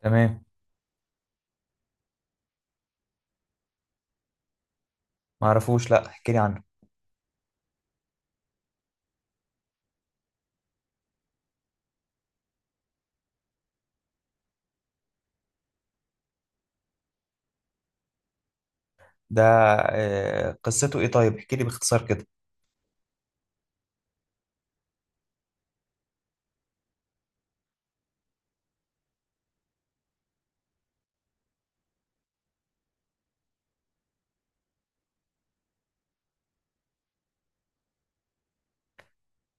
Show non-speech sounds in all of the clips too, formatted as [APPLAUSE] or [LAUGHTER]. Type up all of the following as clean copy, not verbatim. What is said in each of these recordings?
تمام. ما اعرفوش، لا احكي لي عنه. ده آه، قصته ايه؟ طيب احكي لي باختصار كده.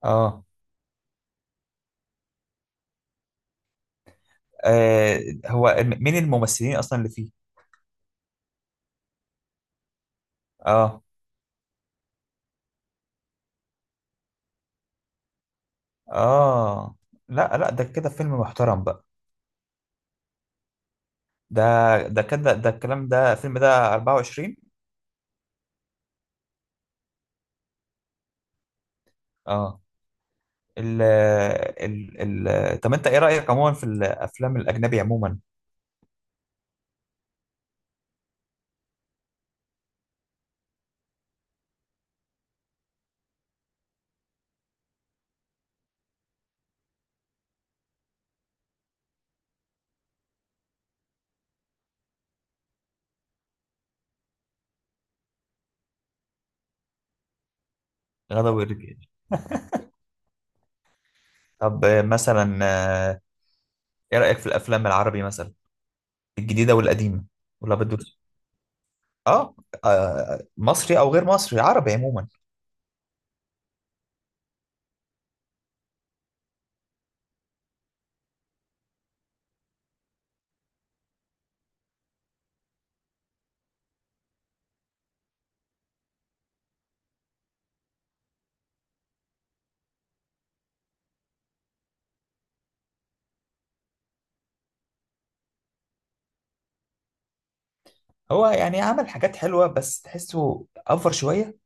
اه، آه، هو مين الممثلين اصلا اللي فيه؟ اه، اه، لا لا، ده كده فيلم محترم بقى. ده ده كده، ده الكلام، ده الفيلم ده 24. اه، ال ال ال طب انت ايه رأيك عموما في الافلام الاجنبي عموما؟ غدا ورجال. طب مثلا، آه، ايه رأيك في الافلام العربي مثلا، الجديدة والقديمة؟ ولا بدو؟ اه، مصري او غير مصري، عربي عموما. هو يعني عمل حاجات حلوه، بس تحسه افر شويه.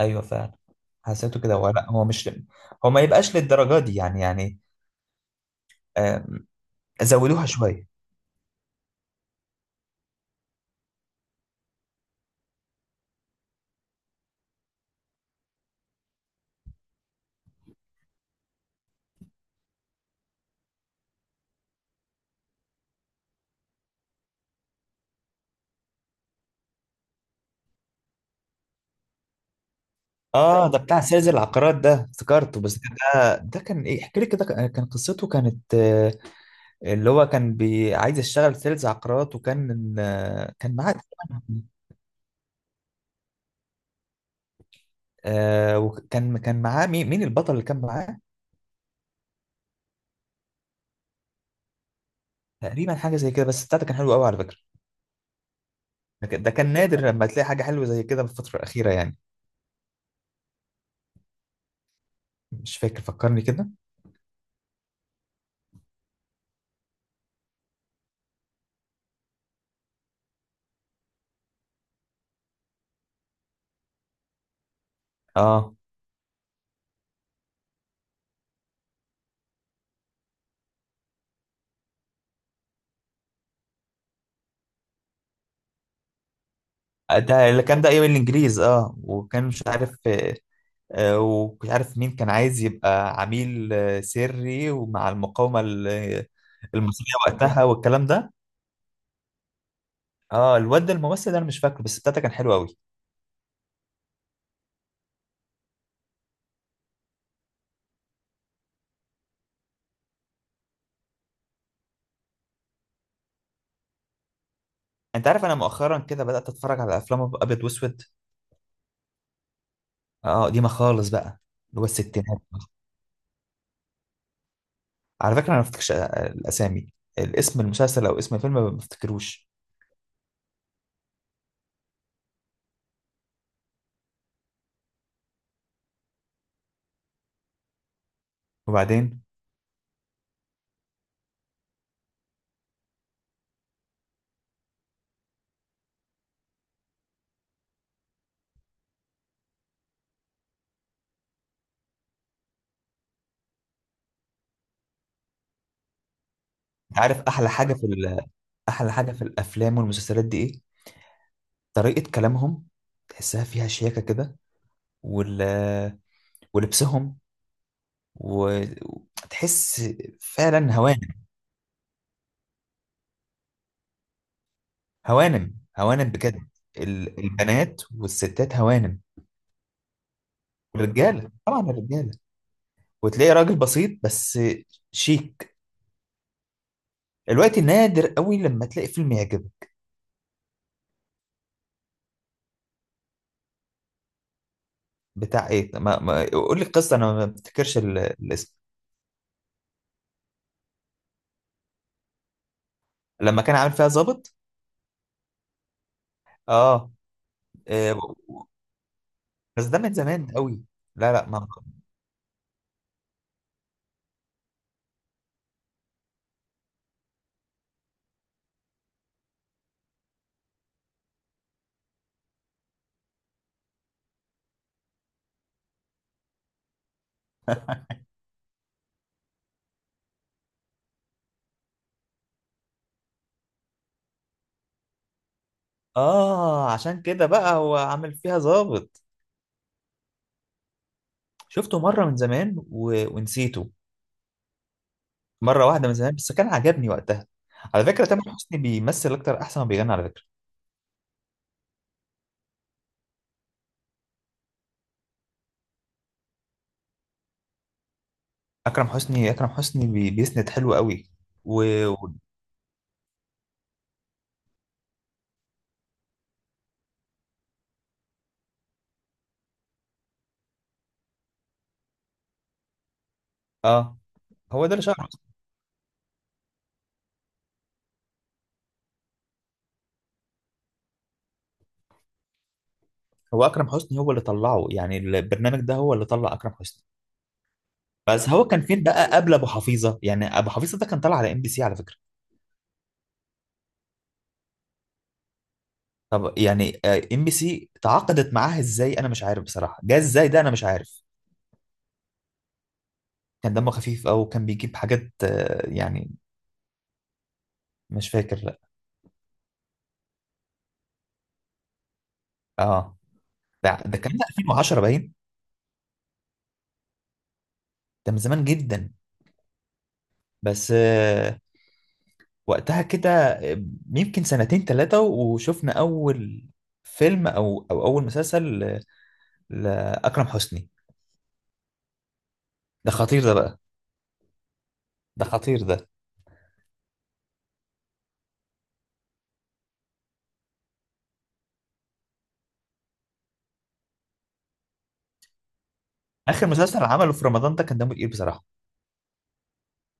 ايوه فعلا، حسيته كده. هو لا، هو مش، هو ما يبقاش للدرجه دي يعني آه، زودوها شويه. اه، ده بتاع سيد العقارات ده، افتكرته. بس كان ده كان ايه، احكي لي كده. كان قصته كانت اللي هو كان عايز يشتغل سيلز عقارات، وكان كان معاه. وكان معاه، مين البطل اللي كان معاه؟ تقريبا حاجه زي كده، بس بتاعته كان حلو قوي على فكره. ده كان نادر لما تلاقي حاجة حلوة زي كده في الفترة الأخيرة يعني. مش فاكر، فكرني كده. اه، ده اللي كان، ده أيام الإنجليز. اه، وكان مش عارف ومش عارف مين كان عايز يبقى عميل سري، ومع المقاومة المصرية وقتها والكلام ده. اه الواد ده الممثل ده انا مش فاكره، بس بتاعته كان حلو قوي. انت عارف انا مؤخرا كده بدأت اتفرج على افلام ابيض واسود. اه، قديمة خالص بقى، اللي هو الستينات. على فكرة انا ما بفتكرش الاسامي، الاسم، المسلسل او اسم الفيلم، ما بفتكروش. وبعدين، انت عارف احلى حاجه في احلى حاجه في الافلام والمسلسلات دي ايه؟ طريقه كلامهم، تحسها فيها شياكه كده، وال... ولبسهم، و- وتحس فعلا هوانم، هوانم، هوانم بجد. البنات والستات هوانم، والرجاله طبعا الرجاله. وتلاقي راجل بسيط بس شيك. الوقت نادر قوي لما تلاقي فيلم يعجبك. بتاع ايه؟ ما... ما... قول لي القصه، انا ما بفتكرش الاسم. لما كان عامل فيها ظابط. اه، آه، بس ده من زمان قوي. لا لا، ما. اه، عشان كده بقى هو عامل فيها ظابط. شفته مره من زمان ونسيته. مره واحده من زمان، بس كان عجبني وقتها. على فكره تامر حسني بيمثل اكتر احسن ما بيغني، على فكره. اكرم حسني، اكرم حسني بيسند حلو قوي و... و... اه، هو ده اللي شهره أصلاً. هو اكرم حسني هو اللي طلعه يعني، البرنامج ده هو اللي طلع اكرم حسني. بس هو كان فين بقى قبل ابو حفيظه؟ يعني ابو حفيظه ده كان طالع على ام بي سي على فكره. طب يعني ام بي سي تعاقدت معاها ازاي؟ انا مش عارف بصراحه، جه ازاي ده، انا مش عارف. كان دمه خفيف، او كان بيجيب حاجات يعني. مش فاكر، لا. اه، ده كان 2010 باين، ده من زمان جدا. بس وقتها كده، يمكن سنتين ثلاثه، وشفنا اول فيلم او اول مسلسل لاكرم حسني. ده خطير ده بقى، ده خطير ده. اخر مسلسل عمله في رمضان ده كان دمه تقيل بصراحه.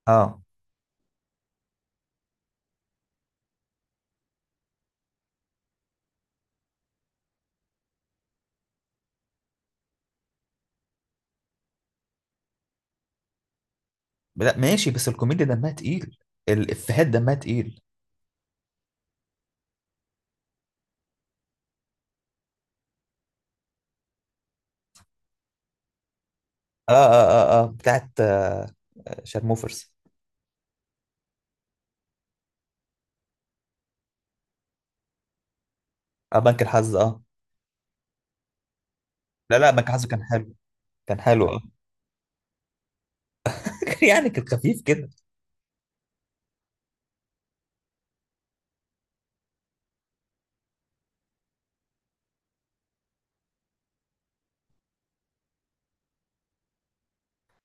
اه، لا ماشي، بس الكوميديا دمها تقيل، الافيهات دمها تقيل. اه، اه، اه، اه، بتاعت شارموفرز. اه، بنك الحظ، اه. لا لا، بنك الحظ كان حلو، كان حلو اه. [LAUGHS] يعني كان خفيف كده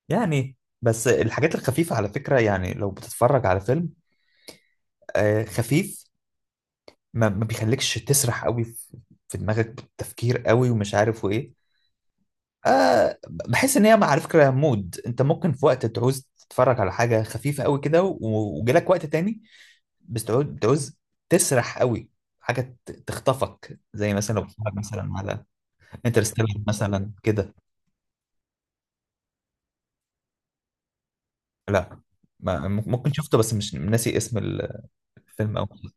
يعني. بس الحاجات الخفيفة على فكرة، يعني لو بتتفرج على فيلم خفيف، ما بيخليكش تسرح قوي في دماغك بالتفكير قوي، ومش عارف وايه. بحس ان هي على فكرة مود، انت ممكن في وقت تعوز تتفرج على حاجة خفيفة قوي كده، وجالك وقت تاني بتعوز تسرح قوي، حاجة تخطفك، زي مثلا لو بتتفرج مثلا على انترستيلر مثلا كده. لا، ما م- ممكن شفته، بس مش ناسي اسم الفيلم أوي.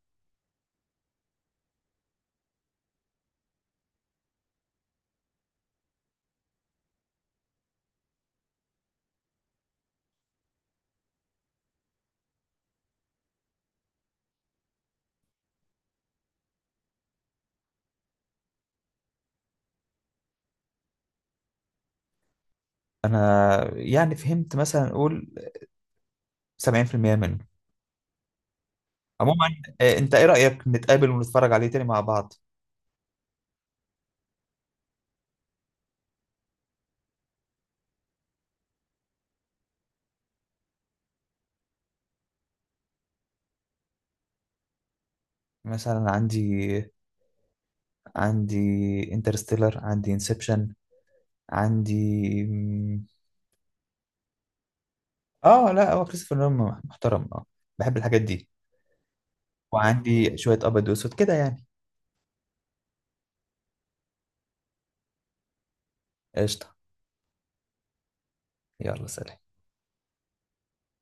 أنا يعني فهمت مثلا نقول 70% منه عموما. أنت إيه رأيك نتقابل ونتفرج عليه تاني مع بعض؟ مثلا عندي انترستيلر، عندي انسبشن، عندي مم، اه، لا هو كريستوفر نولان محترم، اه بحب الحاجات دي. وعندي شوية أبيض وأسود كده يعني. قشطة. يلا سلام.